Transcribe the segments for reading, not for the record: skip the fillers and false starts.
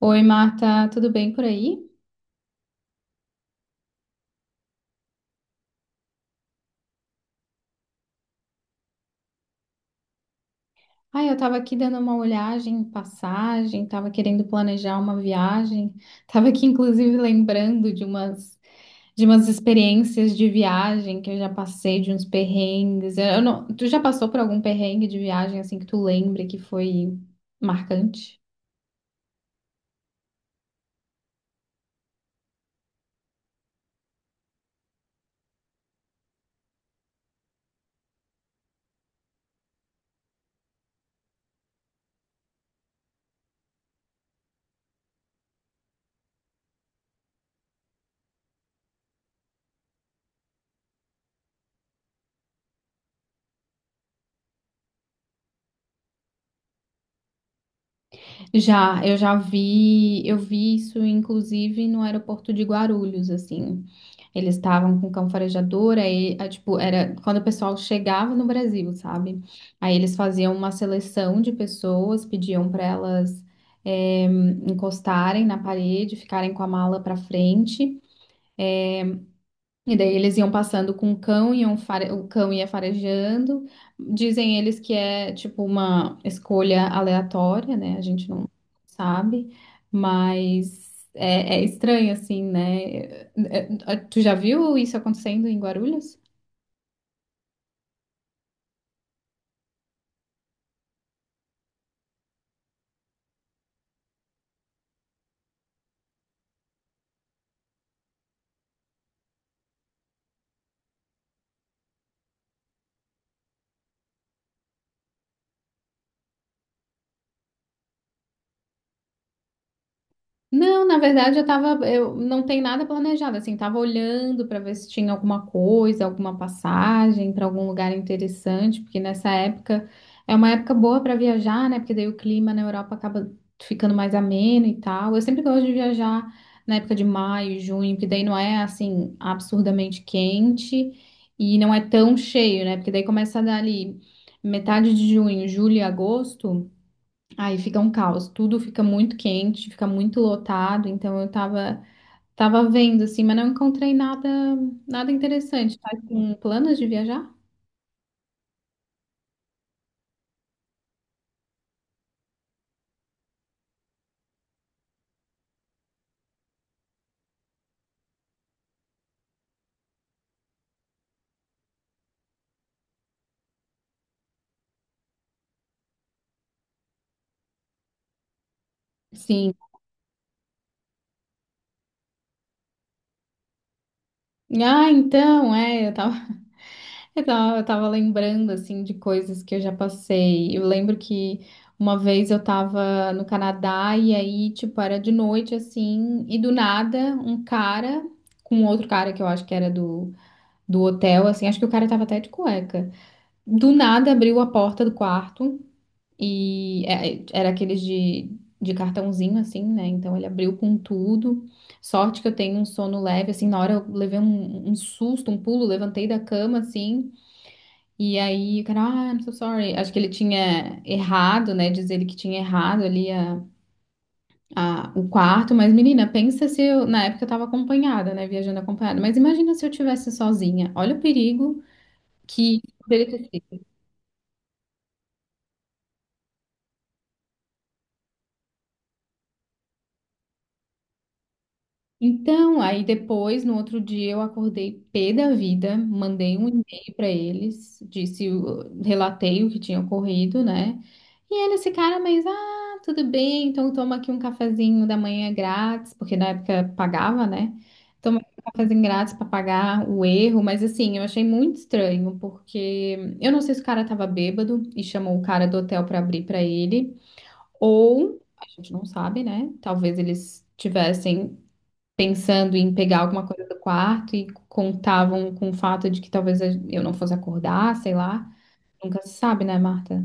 Oi, Marta, tudo bem por aí? Ah, eu tava aqui dando uma olhagem, em passagem, tava querendo planejar uma viagem, tava aqui inclusive lembrando de umas experiências de viagem que eu já passei, de uns perrengues. Eu não- tu já passou por algum perrengue de viagem assim que tu lembre que foi marcante? Já, eu já vi, eu vi isso inclusive no aeroporto de Guarulhos, assim. Eles estavam com cão farejador, aí, ah, tipo, era quando o pessoal chegava no Brasil, sabe? Aí eles faziam uma seleção de pessoas, pediam para elas eh, encostarem na parede, ficarem com a mala para frente. E daí eles iam passando com o cão, iam fare... o cão ia farejando. Dizem eles que é tipo uma escolha aleatória, né? A gente não sabe, mas é, é estranho assim, né? É- é- Tu já viu isso acontecendo em Guarulhos? Não, na verdade eu tava, eu não tem nada planejado, assim, tava olhando para ver se tinha alguma coisa, alguma passagem para algum lugar interessante, porque nessa época é uma época boa para viajar, né? Porque daí o clima na Europa acaba ficando mais ameno e tal. Eu sempre gosto de viajar na época de maio, junho, porque daí não é assim absurdamente quente e não é tão cheio, né? Porque daí começa a dar ali metade de junho, julho e agosto. Aí fica um caos, tudo fica muito quente, fica muito lotado, então eu tava, tava vendo assim, mas não encontrei nada, nada interessante. Tá com planos de viajar? Sim. Ah, então, é, eu tava, eu tava lembrando assim de coisas que eu já passei. Eu lembro que uma vez eu tava no Canadá e aí, tipo, era de noite assim, e do nada um cara com outro cara que eu acho que era do hotel, assim, acho que o cara tava até de cueca. Do nada abriu a porta do quarto e é, é, era aqueles de cartãozinho assim, né? Então ele abriu com tudo. Sorte que eu tenho um sono leve, assim, na hora eu levei um, um susto, um pulo, levantei da cama assim, e aí o cara, ah, I'm so sorry. Acho que ele tinha errado, né? Diz ele que tinha errado ali a- o quarto, mas menina, pensa se eu, na época eu tava acompanhada, né? Viajando acompanhada, mas imagina se eu tivesse sozinha. Olha o perigo que poderia ter. Então, aí depois, no outro dia, eu acordei pé da vida, mandei um e-mail para eles, disse, o- relatei o que tinha ocorrido, né? E eles ficaram, mas, ah, tudo bem, então toma aqui um cafezinho da manhã grátis, porque na época pagava, né? Toma aqui um cafezinho grátis para pagar o erro, mas assim, eu achei muito estranho, porque eu não sei se o cara tava bêbado e chamou o cara do hotel para abrir para ele, ou a gente não sabe, né? Talvez eles tivessem pensando em pegar alguma coisa do quarto e contavam com o fato de que talvez eu não fosse acordar, sei lá. Nunca se sabe, né, Marta?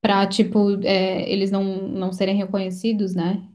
Pra, tipo, é, eles não, não serem reconhecidos, né?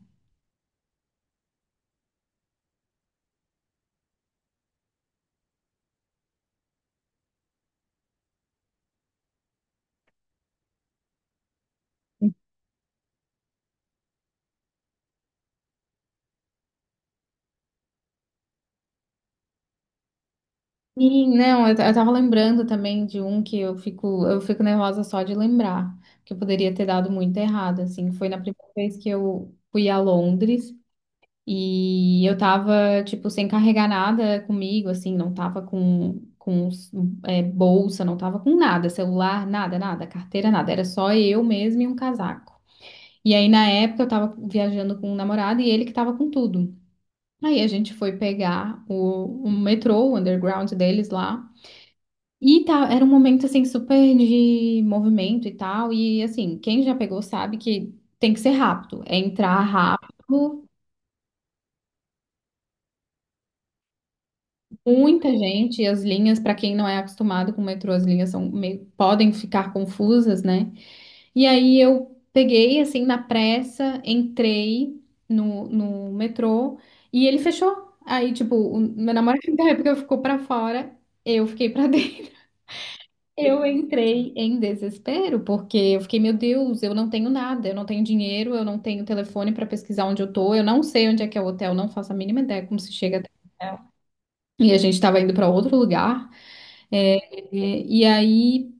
Sim, não, eu tava lembrando também de um que eu fico nervosa só de lembrar, que eu poderia ter dado muito errado, assim. Foi na primeira vez que eu fui a Londres. E eu tava, tipo, sem carregar nada comigo, assim, não tava com é, bolsa, não tava com nada, celular, nada, nada, carteira, nada. Era só eu mesma e um casaco. E aí, na época, eu tava viajando com um namorado e ele que tava com tudo. Aí a gente foi pegar o metrô, o underground deles lá. E tá, era um momento, assim, super de movimento e tal. E, assim, quem já pegou sabe que tem que ser rápido. É entrar rápido. Muita gente, e as linhas, para quem não é acostumado com o metrô, as linhas são meio, podem ficar confusas, né? E aí eu peguei, assim, na pressa, entrei no, no metrô e ele fechou. Aí, tipo, o meu namorado da época ficou pra fora, eu fiquei pra dentro. Eu entrei em desespero, porque eu fiquei, meu Deus, eu não tenho nada, eu não tenho dinheiro, eu não tenho telefone pra pesquisar onde eu tô, eu não sei onde é que é o hotel, não faço a mínima ideia como se chega até o hotel. E a gente tava indo pra outro lugar. É, é, e aí,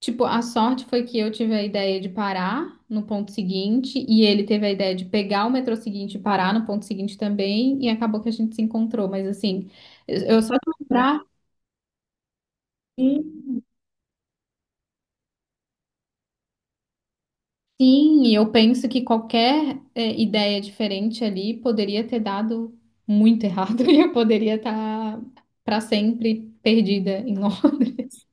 tipo, a sorte foi que eu tive a ideia de parar no ponto seguinte e ele teve a ideia de pegar o metrô seguinte e parar no ponto seguinte também e acabou que a gente se encontrou. Mas assim, eu só de lembrar, sim, sim, e eu penso que qualquer é, ideia diferente ali poderia ter dado muito errado e eu poderia estar para sempre perdida em Londres.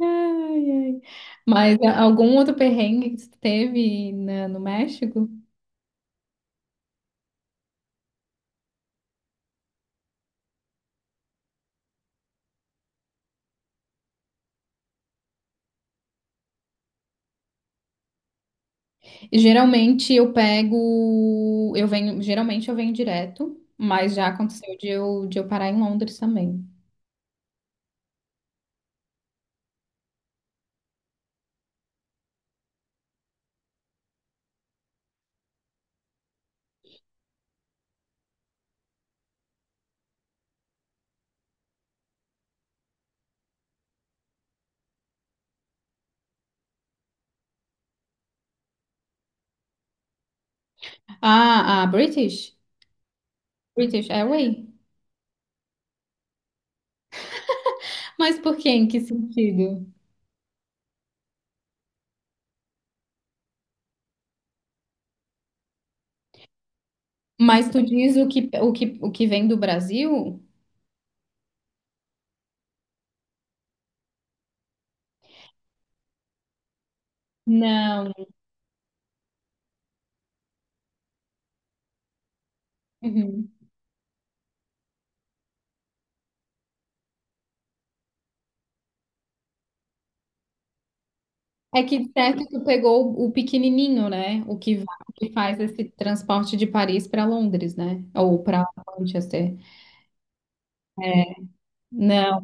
Ai, ai. Mas a- algum outro perrengue que você teve na- no México? E geralmente eu pego, eu venho, geralmente eu venho direto, mas já aconteceu de eu parar em Londres também. Ah, a British? British Airways? Mas por quê? Em que sentido? Mas tu diz o que, o que, o que vem do Brasil? Não. Uhum. É que disseste que tu pegou o pequenininho, né? O que, va- o que faz esse transporte de Paris para Londres, né? Ou para Manchester. É, não,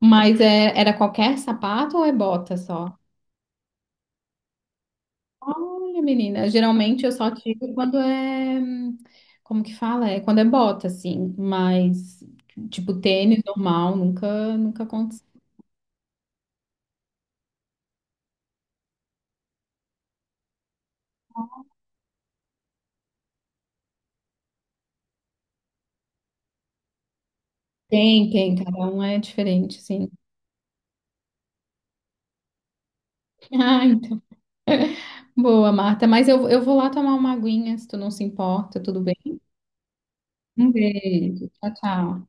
mas é, era qualquer sapato ou é bota só? Olha, menina, geralmente eu só tiro quando é. Hum, como que fala? É quando é bota, assim. Mas, tipo, tênis normal, nunca, nunca aconteceu. Tem, tem, cada um é diferente, sim. Ah, então. Boa, Marta. Mas eu vou lá tomar uma aguinha, se tu não se importa, tudo bem. Um beijo. Tchau, tchau.